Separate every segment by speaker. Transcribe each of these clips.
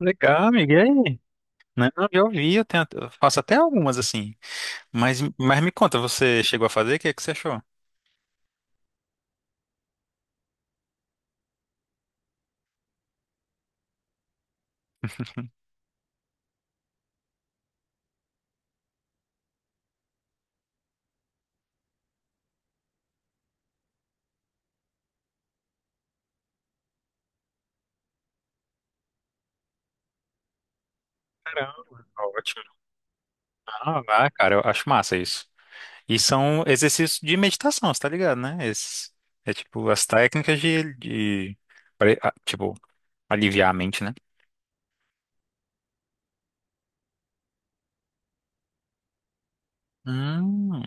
Speaker 1: Legal, amiga. E aí? Né? Não, eu vi, eu tenho, eu faço até algumas assim. Mas me conta, você chegou a fazer? O que é que você achou? Caramba, ótimo. Cara, eu acho massa isso. E são exercícios de meditação, você tá ligado, né? Esses, é tipo as técnicas de tipo, aliviar a mente, né? Hum,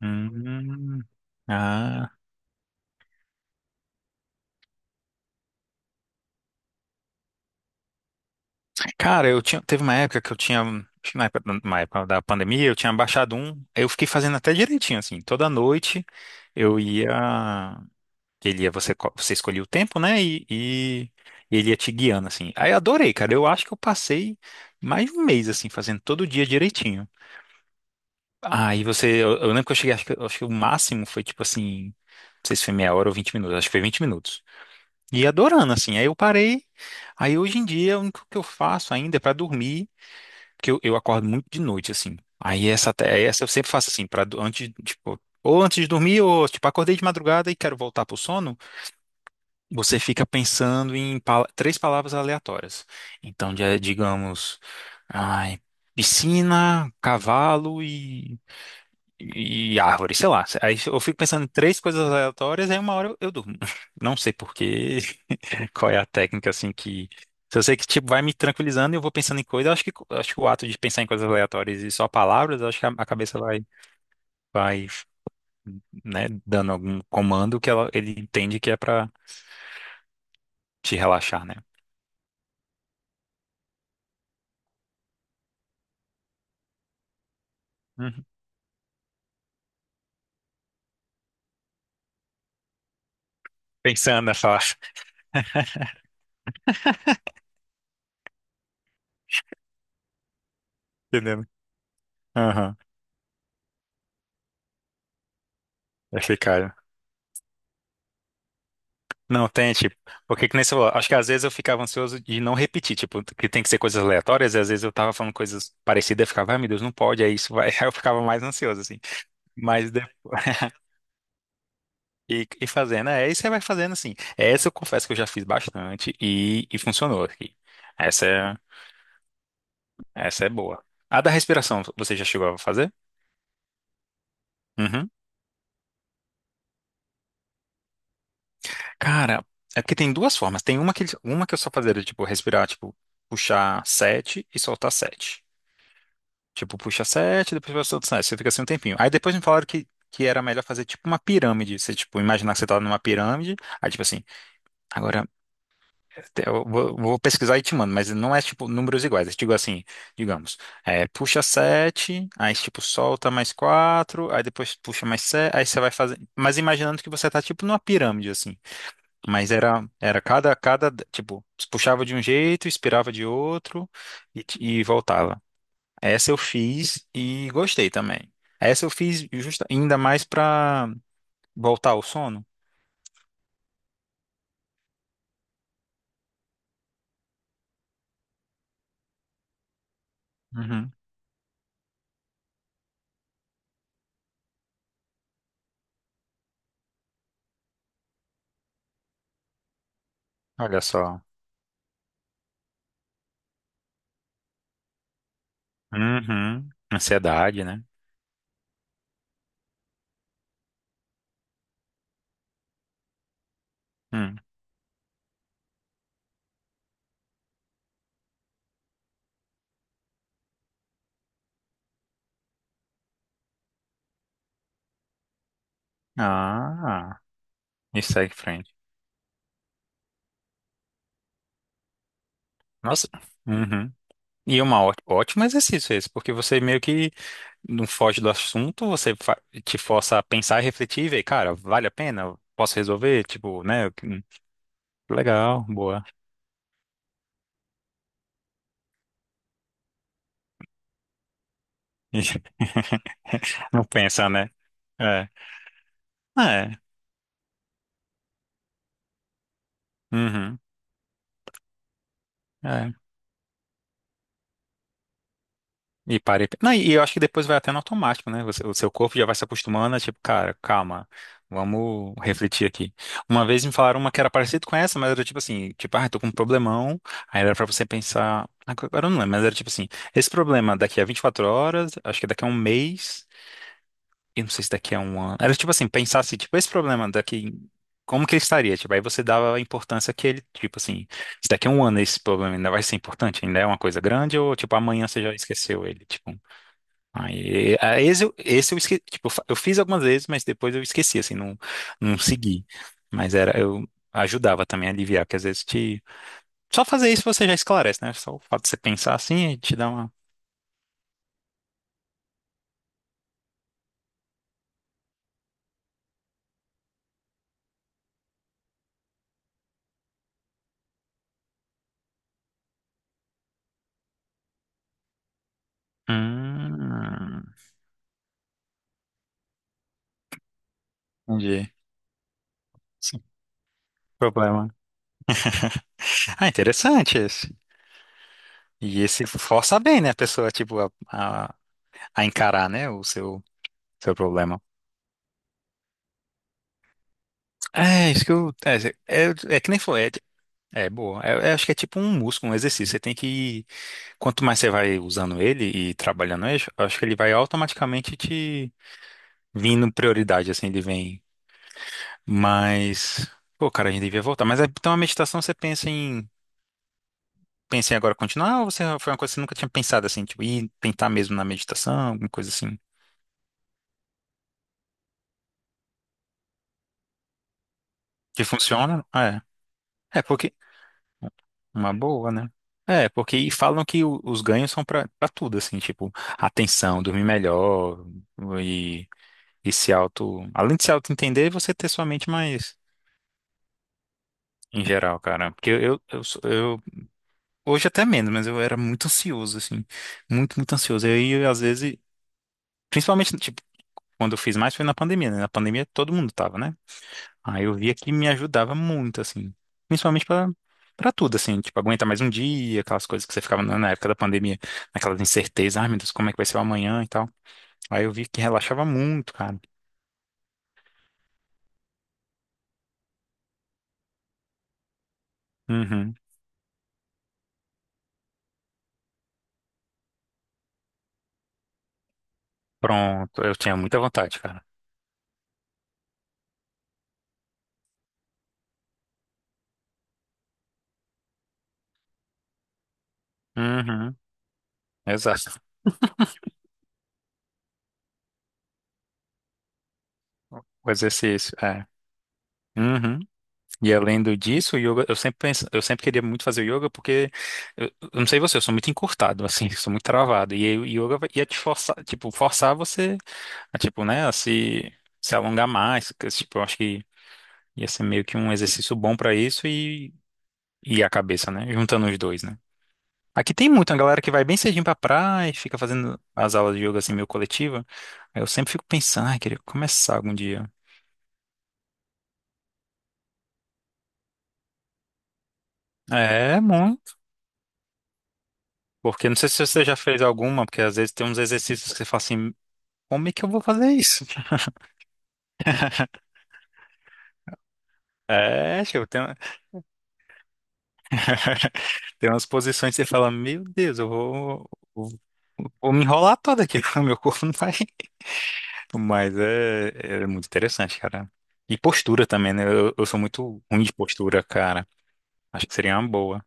Speaker 1: hum. Ah, cara, eu tinha, teve uma época que eu tinha, acho que na época da pandemia, eu tinha baixado um, aí eu fiquei fazendo até direitinho, assim, toda noite eu ia, ele ia, você escolhia o tempo, né, e ele ia te guiando, assim. Aí eu adorei, cara, eu acho que eu passei mais de um mês, assim, fazendo todo dia direitinho. Aí você, eu lembro que eu cheguei, acho que o máximo foi, tipo assim, não sei se foi meia hora ou 20 minutos, acho que foi 20 minutos. E adorando, assim, aí eu parei, aí hoje em dia, o único que eu faço ainda é pra dormir, porque eu acordo muito de noite, assim. Aí essa, essa eu sempre faço assim, para antes, tipo, ou antes de dormir, ou tipo, acordei de madrugada e quero voltar pro sono, você fica pensando em três palavras aleatórias. Então, já, é, digamos, ai, piscina, cavalo e árvore, sei lá. Aí eu fico pensando em três coisas aleatórias, aí uma hora eu durmo. Não sei por quê. Qual é a técnica, assim, que. Se eu sei que, tipo, vai me tranquilizando e eu vou pensando em coisas, eu acho que o ato de pensar em coisas aleatórias e só palavras, eu acho que a cabeça vai, né, dando algum comando que ela, ele entende que é pra te relaxar, né? Uhum. Pensando nessa. Entendendo? Aham. Achei, cara. Não, tem, tipo. Porque que nem você falou, acho que às vezes eu ficava ansioso de não repetir, tipo, que tem que ser coisas aleatórias, e às vezes eu tava falando coisas parecidas, eu ficava, ai meu Deus, não pode, é isso, vai. Aí eu ficava mais ansioso, assim. Mas depois. E fazendo, e você vai fazendo assim. Essa eu confesso que eu já fiz bastante e funcionou aqui. Essa é, essa é boa. A da respiração, você já chegou a fazer? Uhum. Cara, é porque tem duas formas. Tem uma que eu só fazia, era, tipo, respirar, tipo, puxar sete e soltar sete. Tipo, puxa sete, depois solta sete. Você fica assim um tempinho. Aí depois me falaram que era melhor fazer, tipo, uma pirâmide. Você, tipo, imaginar que você tá numa pirâmide. Aí, tipo assim, agora. Eu vou, vou pesquisar e te mando, mas não é tipo números iguais. Eu digo assim, digamos, puxa 7 aí tipo solta mais 4 aí depois puxa mais 7 aí você vai fazer. Mas imaginando que você tá tipo numa pirâmide assim. Mas era cada, tipo, puxava de um jeito, expirava de outro e voltava. Essa eu fiz e gostei também. Essa eu fiz justa, ainda mais pra voltar ao sono. Uhum. Olha só. Uhum. Ansiedade, né? Hum. Ah, e segue em frente. Nossa. Uhum. E é um ótimo exercício esse, porque você meio que não foge do assunto, você te força a pensar e refletir e ver, cara, vale a pena? Eu posso resolver? Tipo, né? Legal, boa. Não pensa, né? É. É. Uhum. É. E parei. Não, e eu acho que depois vai até no automático, né? Você- o seu corpo já vai se acostumando, é tipo, cara, calma, vamos refletir aqui. Uma vez me falaram uma que era parecida com essa, mas era tipo assim, tipo, ah, tô com um problemão. Aí era pra você pensar. Agora eu não lembro, mas era tipo assim, esse problema é daqui a 24 horas, acho que é daqui a um mês, e não sei se daqui a um ano. Era tipo assim, pensar assim, tipo, esse problema é daqui. Como que ele estaria? Tipo, aí você dava a importância que ele, tipo assim, se daqui a um ano esse problema ainda vai ser importante, ainda é uma coisa grande, ou tipo, amanhã você já esqueceu ele, tipo. Aí, aí esse, esse eu esqueci, tipo, eu fiz algumas vezes, mas depois eu esqueci, assim, não, não segui. Mas era, eu ajudava também a aliviar, porque às vezes te... Só fazer isso você já esclarece, né? Só o fato de você pensar assim e te dá uma... Hum, entendi. Sim, problema. Ah, interessante esse. E esse força bem, né, a pessoa, tipo, a encarar, né, o seu, seu problema. É, isso que eu... É que nem foi, é boa. É, acho que é tipo um músculo, um exercício. Você tem que ir quanto mais você vai usando ele e trabalhando ele, acho que ele vai automaticamente te vindo prioridade, assim, ele vem. Mas, pô, cara, a gente devia voltar. Mas é- então a meditação você pensa em. Pensa em agora continuar ou você foi uma coisa que você nunca tinha pensado assim, tipo, ir tentar mesmo na meditação, alguma coisa assim? Que funciona? Ah, é, é porque. Uma boa, né? É, porque e falam que os ganhos são pra tudo, assim, tipo, atenção, dormir melhor e, e se auto. Além de se auto-entender, você ter sua mente mais. Em geral, cara. Porque hoje até menos, mas eu era muito ansioso, assim. Muito, muito ansioso. E aí, às vezes, principalmente, tipo, quando eu fiz mais foi na pandemia, né? Na pandemia todo mundo tava, né? Aí eu via que me ajudava muito, assim. Principalmente pra, pra tudo, assim. Tipo, aguentar mais um dia, aquelas coisas que você ficava na época da pandemia, naquelas incertezas, ai meu Deus, como é que vai ser o amanhã e tal. Aí eu vi que relaxava muito, cara. Uhum. Pronto, eu tinha muita vontade, cara. Uhum. Exato. O exercício, é. Uhum. E além do disso, o yoga, eu sempre penso, eu sempre queria muito fazer yoga porque eu não sei você, eu sou muito encurtado, assim, sou muito travado. E aí o yoga ia te forçar, tipo, forçar você a, tipo, né, a se, se alongar mais. Que, tipo, eu acho que ia ser meio que um exercício bom pra isso e a cabeça, né? Juntando os dois, né? Aqui tem muito, a galera que vai bem cedinho pra praia e fica fazendo as aulas de yoga assim meio coletiva. Aí eu sempre fico pensando, ai, queria começar algum dia. É, porque não sei se você já fez alguma, porque às vezes tem uns exercícios que você fala assim, como é que eu vou fazer isso? É, tipo, tem, uma- tem umas posições que você fala, meu Deus, eu vou me enrolar toda aqui, meu corpo não vai. Mas é, é muito interessante, cara. E postura também, né? Eu sou muito ruim de postura, cara. Acho que seria uma boa.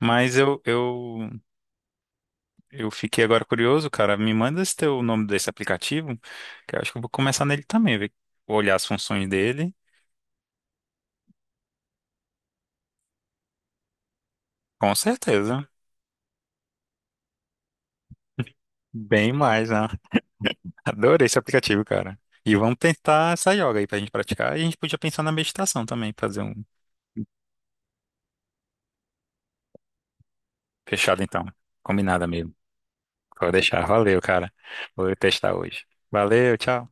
Speaker 1: Mas eu fiquei agora curioso, cara. Me manda esse teu nome desse aplicativo, que eu acho que eu vou começar nele também, ver, olhar as funções dele. Com certeza. Bem mais, né? Adorei esse aplicativo, cara. E vamos tentar essa yoga aí pra gente praticar. E a gente podia pensar na meditação também, fazer um fechado então. Combinada mesmo. Vou deixar. Valeu, cara. Vou testar hoje. Valeu, tchau.